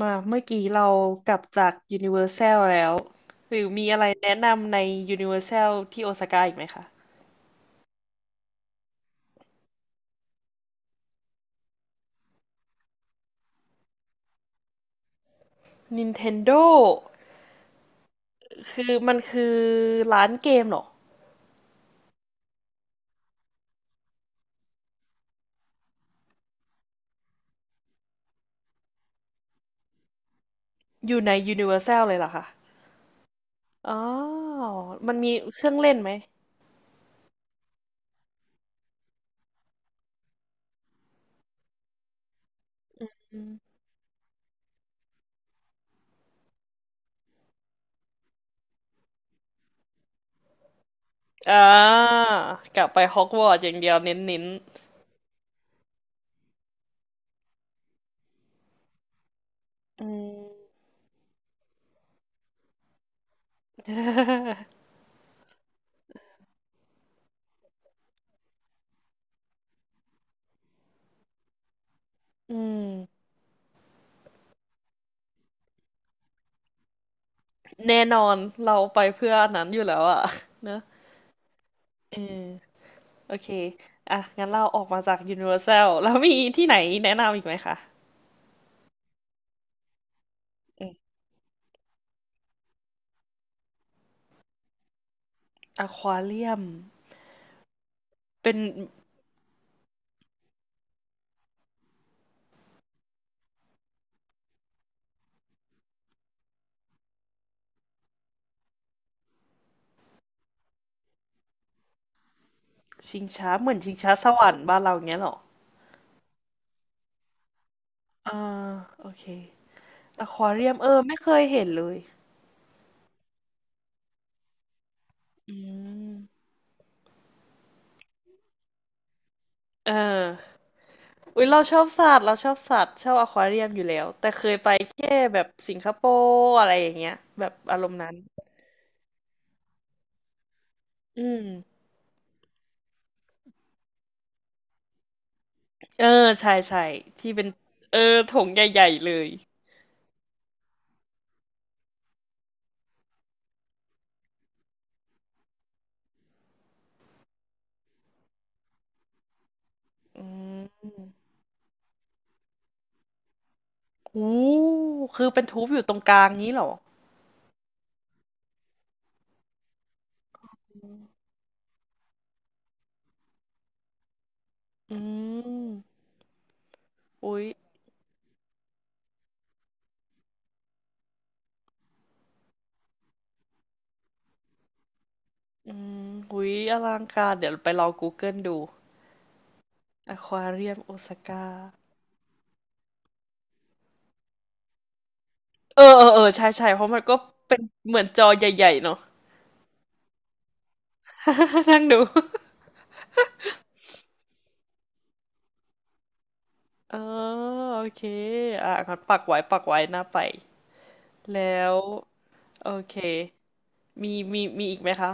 มาเมื่อกี้เรากลับจากยูนิเวอร์แซลแล้วหรือมีอะไรแนะนำในยูนิเวอร์แซลที่โอซาก้าอีกไหมคะ Nintendo คือมันคือร้านเกมเหรออยู่ในยูนิเวอร์แซลเลยเหรอคะอ๋อมันมีเครื่องเล่นไหมอืมอ่ากลับไปฮอกวอตส์อย่างเดียวเน้นๆอืมอืมแน่นอนเราไปเพื่ออันนั้นอยู่แล้วอะเนอะเออ โอเค อ่ะ งั้นเราออกมาจาก Universal แล้วมีที่ไหนแนะนำอีกไหมคะอืมอควาเรียมเป็นชิงช้าเหมือนชิงช้าสวรรค์บ้านเราอย่างเงี้ยเหรออ่าโอเคอควาเรียมเออไม่เคยเห็นเลย อืม เออ อุ๊ยเราชอบสัตว์เราชอบสัตว์ชอบอควาเรียมอยู่แล้ว แต่เคยไปแค่แบบสิงคโปร์อะไรอย่างเงี้ยแบบอารมณ์นั้น อืม เออใช่ใช่ที่เป็นเออโถงใหญ่ๆเลยอืม โอ้คือเป็นทูบอยู่ตรงกลางนี้เหรอ อืมอุ๊ยอืมอุ๊ยอลังการเดี๋ยวไปลอง Google ดูอควาเรียมโอซาก้าเออเออเออใช่ใช่เพราะมันก็เป็นเหมือนจอใหญ่ๆเนาะ นั่งดู เออโอเคอ่ะงั้นปักไว้ปักไว้หน้าไป แล้วโอเค มีมีมีอีกไหมคะ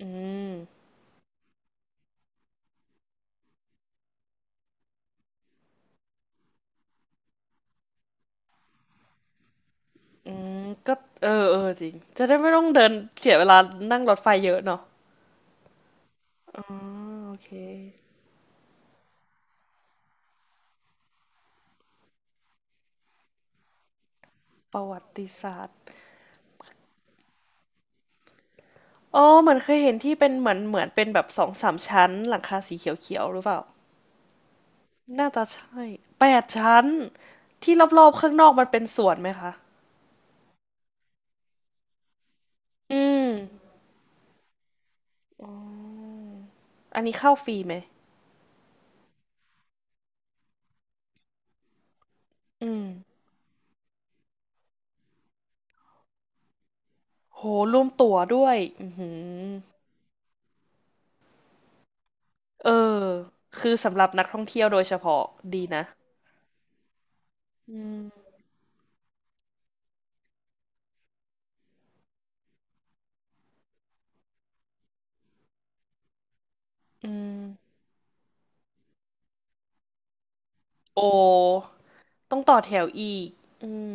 อืม อืมก็เออเออจริงจะได้ไม่ต้องเดินเสียเวลานั่งรถไฟเยอะเนาะอ๋อโอเค ประวัติศาสตร์ อ๋อเหมือนเคยเห็นที่เป็นเหมือนเหมือนเป็นแบบ2-3 ชั้นหลังคาสีเขียวๆหรือเปล่า น่าจะใช่8 ชั้นที่รอบๆข้างนอกมันเป็นสวนไหมคะ อืม อันนี้เข้าฟรีไหม อืม โห รวมตั๋วด้วย อือหือเออ คือสำหรับนักท่องเที่ยวโดยเฉพาะดีนะ อืมโอ้ ต้องต่อแถวอีก อืม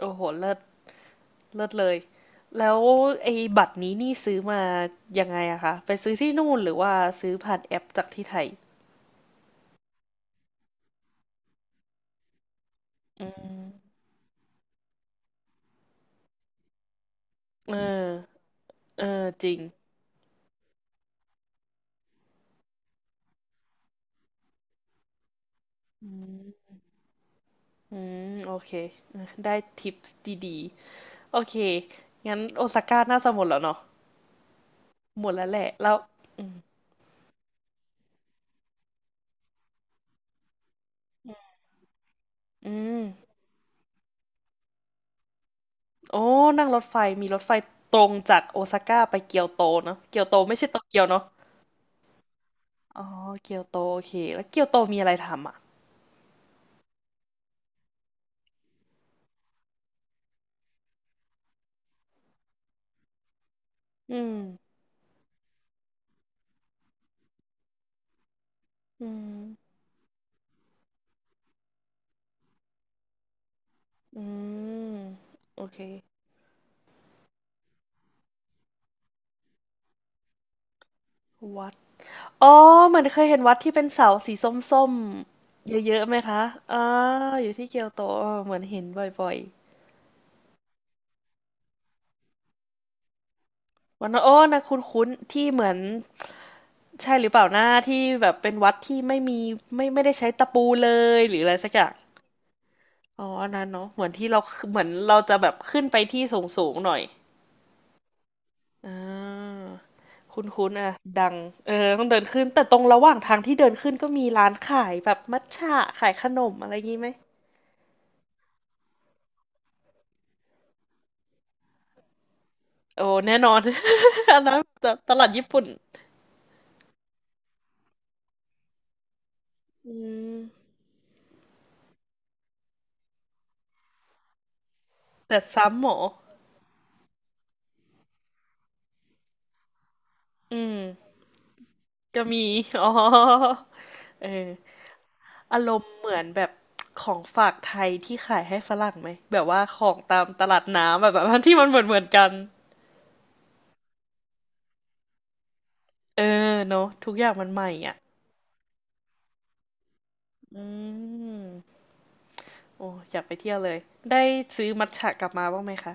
โอ้โหเลิศ เลิศเลยแล้วไอ้บัตรนี้นี่ซื้อมายังไงอะคะ ไปซื้อที่นู่นหรือว่าซื้อผ่านแอปจากที่ไทยเออเออจริง อืมโอเคเออได้ทิปส์ดีๆ โอเคงั้นโอซาก้าน่าจะหมดแล้วเนาะหมดแล้วแหละ แล้ว อืมอืมโอ้นั่งรถไฟ มีรถไฟตรงจากโอซาก้าไปเกียวโตเนาะเกียวโตไม่ใช่โตเกียวเนาะอ๋อเกียวโตโอเคแล้วเกียวโตมีอะไรทำอ่ะอืมอืมอืมโอเค วัด อ๋อเหมือนเคยเห็นวัดที่เป็นเสาสีส้มๆเยอะๆไหมคะอ่าอยู่ที่เกียวโตเออเหมือนเห็นบ่อยๆวันนั้นโอ้นะคุ้นๆที่เหมือนใช่หรือเปล่าหน้าที่แบบเป็นวัดที่ไม่มีไม่ไม่ได้ใช้ตะปูเลยหรืออะไรสักอย่างอ๋ออันนั้นเนาะเหมือนที่เราเหมือนเราจะแบบขึ้นไปที่สูงๆหน่อยอ่าคุ้นๆอ่ะดังเออต้องเดินขึ้นแต่ตรงระหว่างทางที่เดินขึ้นก็มีร้านขายแบบมัทฉะขายขนมอะไรงี้ไหม โอ้แน่นอน อันนั้นจะตลาดญี่ปุ่นอืมแต่ซ้ำหมออืมก็มีอ๋อเอออารมณ์เหมือนแบบของฝากไทยที่ขายให้ฝรั่งไหมแบบว่าของตามตลาดน้ำแบบ นั้นที่มันเหมือนเหมือนกันเออเนอะทุกอย่างมันใหม่อ่ะอืมโอ้อยากไปเที่ยวเลยได้ซื้อมัทฉะกลับมาบ้างไหมคะ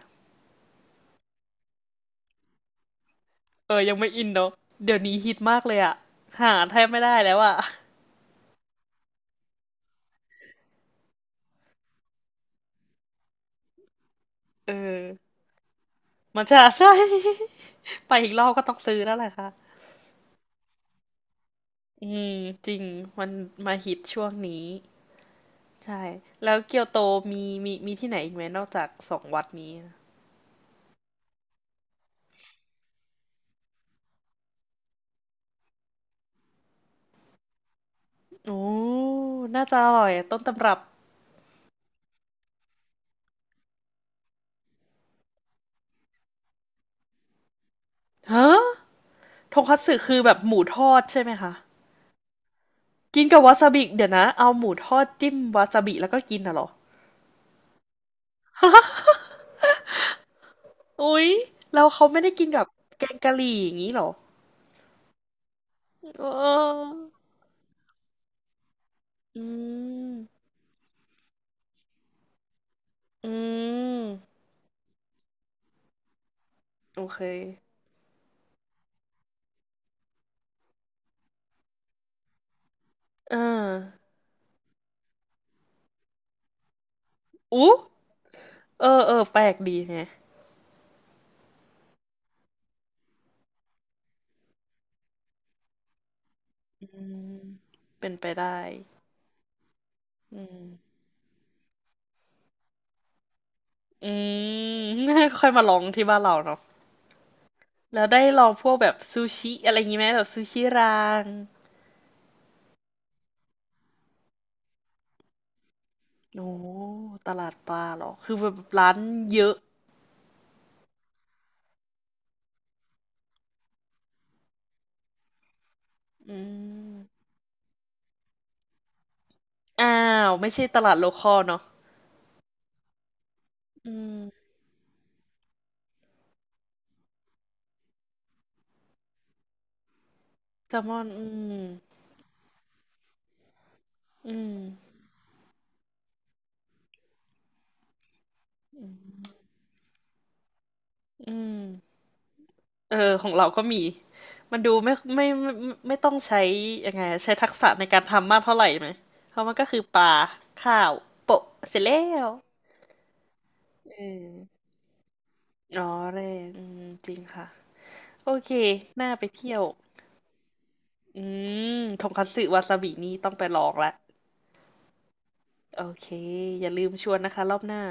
เออยังไม่อินเนอะเดี๋ยวนี้ฮิตมากเลยอ่ะหาแทบไม่ได้แล้วอะเออมัทฉะใช่ ไปอีกรอบก็ต้องซื้อแล้วแหละค่ะอืมจริงมันมาฮิตช่วงนี้ใช่แล้วเกียวโตมีมีมีที่ไหนอีกไหมนอกจาก2 วัดนี้นะโอ้น่าจะอร่อยต้นตำรับฮะทงคัตสึคือแบบหมูทอดใช่ไหมคะกินกับวาซาบิเดี๋ยวนะเอาหมูทอดจิ้มวาซาบิแล้วก็กินน่ะเหรออุ๊ยแล้วเขาไม่ได้กินกับแกงกะหรี่อย่างนี้เหรอเอออืมอืมโอเคเอออู้เออเออแปลกดีไง อืมเป็นไปได้อืม อืม ค่อยมาลองที่บ้านเราเนาะแล้วได้ลองพวกแบบซูชิอะไรอย่างงี้ไหมแบบซูชิรางโอ้ตลาดปลาเหรอ คือแบบร้านเยอะอืมอ้าวไม่ใช่ตลาดโลคอลเนาะอืมแซลมอนอืมอืมอืมเออของเราก็มี มันดูไม่ไม่ไม่ไม่ไม่ต้องใช้ยังไงอะใช้ทักษะในการทำมากเท่าไหร่ไหมเพราะมันก็คือปลาข้าวโปะเสร็จแล้ว อืมอ๋อเร่อืมจริงค่ะ โอเคน่าไปเที่ยว อืมทงคัตสึวาซาบินี่ต้องไปลองละโอเค อย่าลืมชวนนะคะรอบหน้า